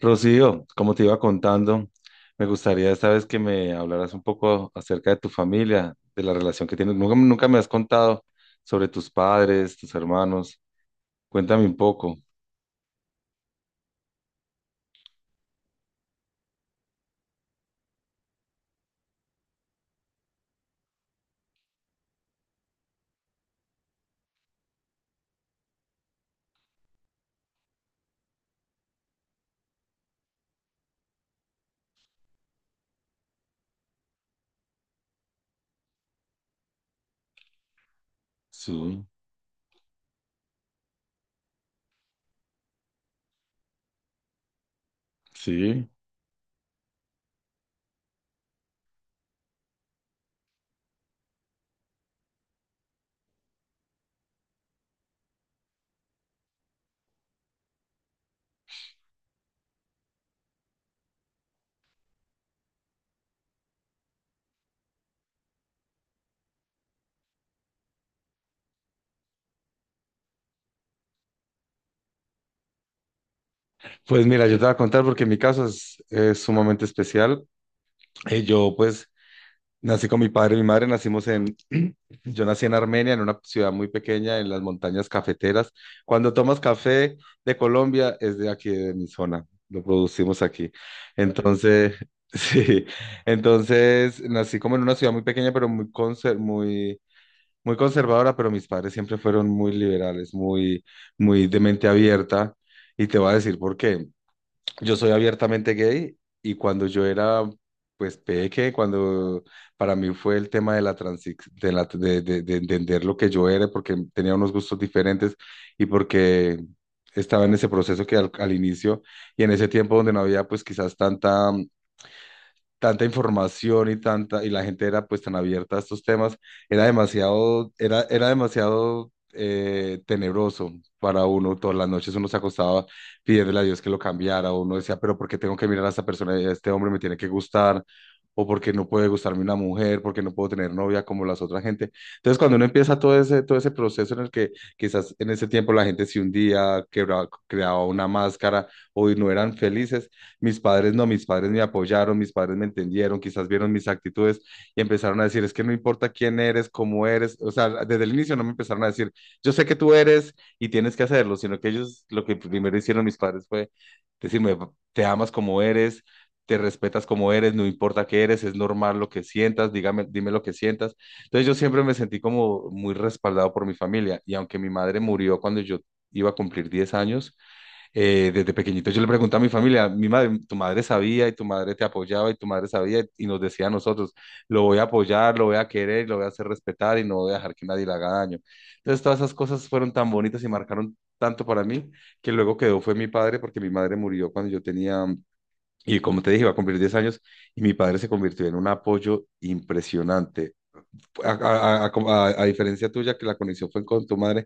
Rocío, como te iba contando, me gustaría esta vez que me hablaras un poco acerca de tu familia, de la relación que tienes. Nunca me has contado sobre tus padres, tus hermanos. Cuéntame un poco. Sí, sí. Pues mira, yo te voy a contar porque mi caso es sumamente especial. Yo pues nací con mi padre y mi madre, nacimos en, yo nací en Armenia, en una ciudad muy pequeña, en las montañas cafeteras. Cuando tomas café de Colombia, es de aquí, de mi zona, lo producimos aquí. Entonces, sí, entonces nací como en una ciudad muy pequeña, pero muy, muy conservadora, pero mis padres siempre fueron muy liberales, muy, muy de mente abierta. Y te voy a decir por qué. Yo soy abiertamente gay y cuando yo era, pues, peque, cuando para mí fue el tema de la transi- de, la- de entender lo que yo era, porque tenía unos gustos diferentes y porque estaba en ese proceso que al inicio y en ese tiempo donde no había, pues, quizás tanta información y tanta, y la gente era pues tan abierta a estos temas, era demasiado, era demasiado tenebroso para uno. Todas las noches uno se acostaba pidiéndole a Dios que lo cambiara, o uno decía, pero ¿por qué tengo que mirar a esta persona? Este hombre me tiene que gustar, o porque no puede gustarme una mujer, porque no puedo tener novia como las otras gente. Entonces, cuando uno empieza todo ese proceso en el que quizás en ese tiempo la gente si un día creaba una máscara o no eran felices, mis padres no, mis padres me apoyaron, mis padres me entendieron, quizás vieron mis actitudes y empezaron a decir, es que no importa quién eres, cómo eres, o sea, desde el inicio no me empezaron a decir, yo sé que tú eres y tienes que hacerlo, sino que ellos lo que primero hicieron mis padres fue decirme, te amas como eres, te respetas como eres, no importa qué eres, es normal lo que sientas, dígame, dime lo que sientas. Entonces yo siempre me sentí como muy respaldado por mi familia y aunque mi madre murió cuando yo iba a cumplir 10 años, desde pequeñito yo le pregunté a mi familia, mi madre, tu madre sabía y tu madre te apoyaba y tu madre sabía y nos decía a nosotros, lo voy a apoyar, lo voy a querer, lo voy a hacer respetar y no voy a dejar que nadie le haga daño. Entonces todas esas cosas fueron tan bonitas y marcaron tanto para mí que luego quedó fue mi padre porque mi madre murió cuando yo tenía, y como te dije, iba a cumplir 10 años y mi padre se convirtió en un apoyo impresionante a diferencia tuya, que la conexión fue con tu madre,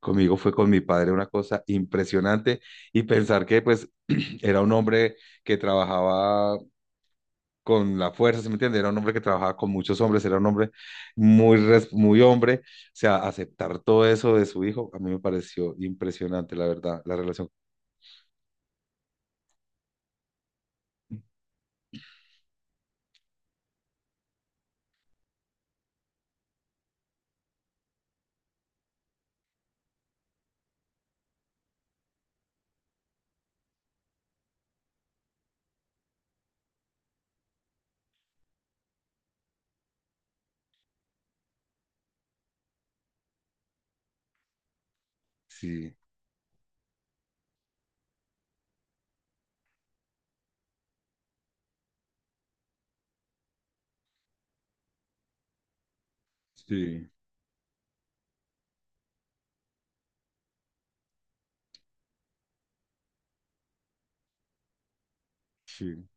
conmigo fue con mi padre, una cosa impresionante. Y pensar que, pues, era un hombre que trabajaba con la fuerza, ¿sí me entiendes? Era un hombre que trabajaba con muchos hombres, era un hombre muy, muy hombre. O sea, aceptar todo eso de su hijo, a mí me pareció impresionante, la verdad, la relación. Sí, sí, sí,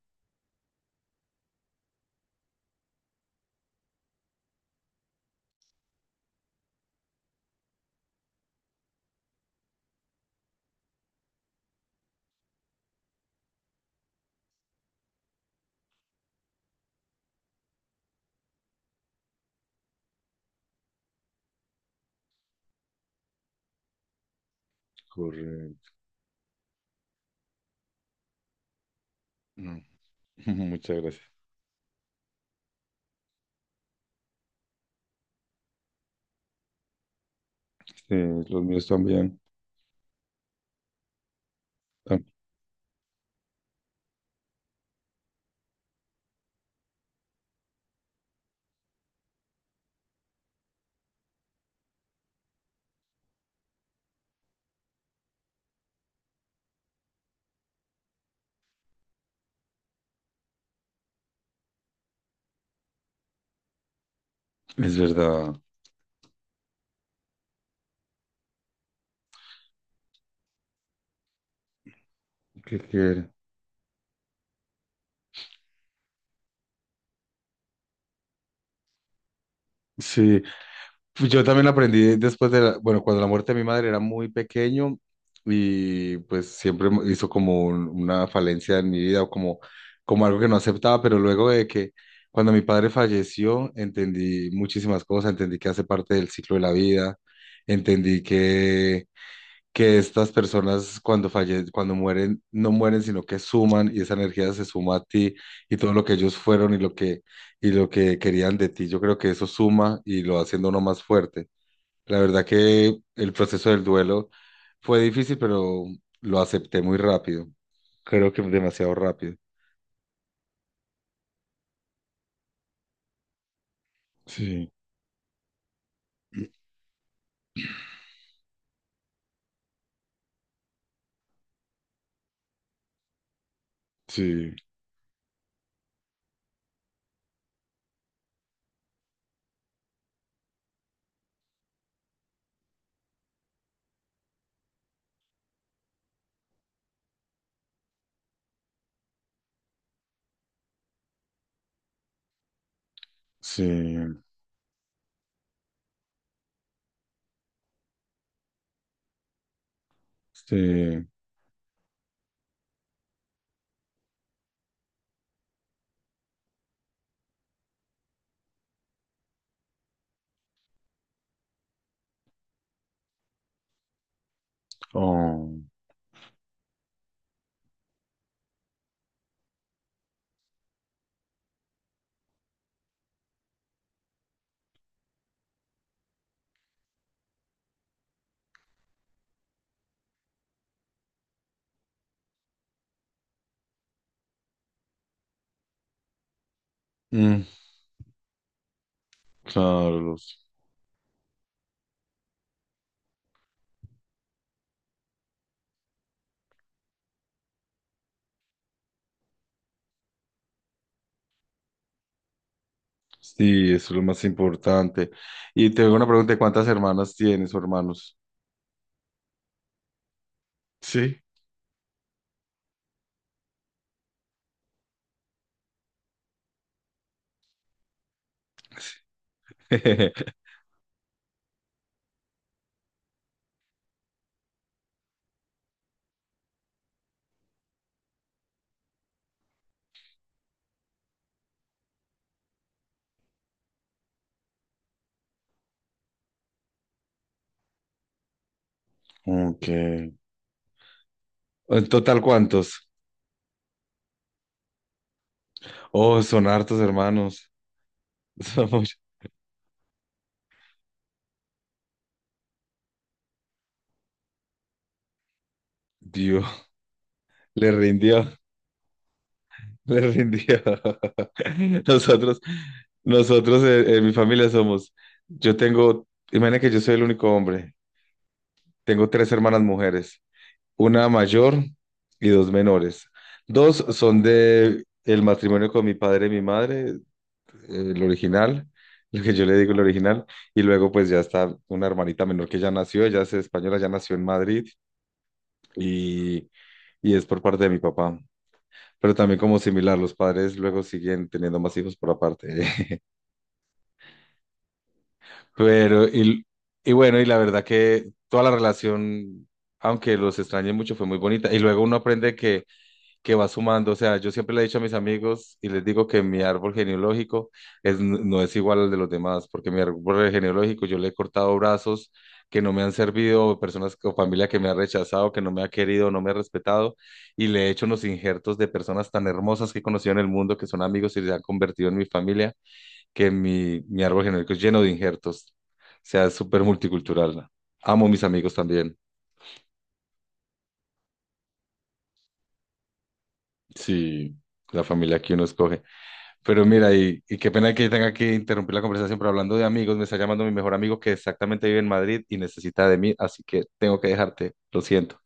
correcto. Mm. Muchas gracias. Sí, los míos también. Ah. Es verdad. ¿Qué quiere? Sí. Pues yo también aprendí bueno, cuando la muerte de mi madre era muy pequeño y pues siempre hizo como una falencia en mi vida o como, como algo que no aceptaba, pero luego de que cuando mi padre falleció entendí muchísimas cosas, entendí que hace parte del ciclo de la vida, entendí que estas personas cuando cuando mueren, no mueren, sino que suman y esa energía se suma a ti y todo lo que ellos fueron y lo que querían de ti. Yo creo que eso suma y lo va haciendo uno más fuerte. La verdad que el proceso del duelo fue difícil, pero lo acepté muy rápido. Creo que demasiado rápido. Sí, sí, sí, sí. Oh, mm, claro. Sí, eso es lo más importante. Y te hago una pregunta, ¿cuántas hermanas tienes o hermanos? Sí. Ok. ¿En total cuántos? Oh, son hartos hermanos. Son muchos. Dios, le rindió, le rindió. Nosotros, nosotros en mi familia somos, yo tengo, imagina que yo soy el único hombre, tengo 3 hermanas mujeres. Una mayor y dos menores. Dos son de el matrimonio con mi padre y mi madre, el original, lo que yo le digo el original, y luego pues ya está una hermanita menor que ya nació, ella es española, ya nació en Madrid y, y es por parte de mi papá. Pero también como similar, los padres luego siguen teniendo más hijos por aparte. Pero, y bueno, y la verdad que toda la relación, aunque los extrañe mucho, fue muy bonita. Y luego uno aprende que va sumando. O sea, yo siempre le he dicho a mis amigos y les digo que mi árbol genealógico es, no es igual al de los demás, porque mi árbol genealógico yo le he cortado brazos que no me han servido, personas o familia que me ha rechazado, que no me ha querido, no me ha respetado, y le he hecho unos injertos de personas tan hermosas que he conocido en el mundo, que son amigos y se han convertido en mi familia, que mi árbol genealógico es lleno de injertos. O sea, es súper multicultural. Amo mis amigos también. Sí, la familia que uno escoge. Pero mira, y qué pena que tenga que interrumpir la conversación, pero hablando de amigos, me está llamando mi mejor amigo que exactamente vive en Madrid y necesita de mí, así que tengo que dejarte, lo siento.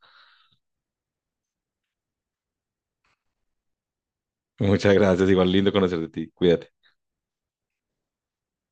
Muchas gracias, igual lindo conocer de ti, cuídate.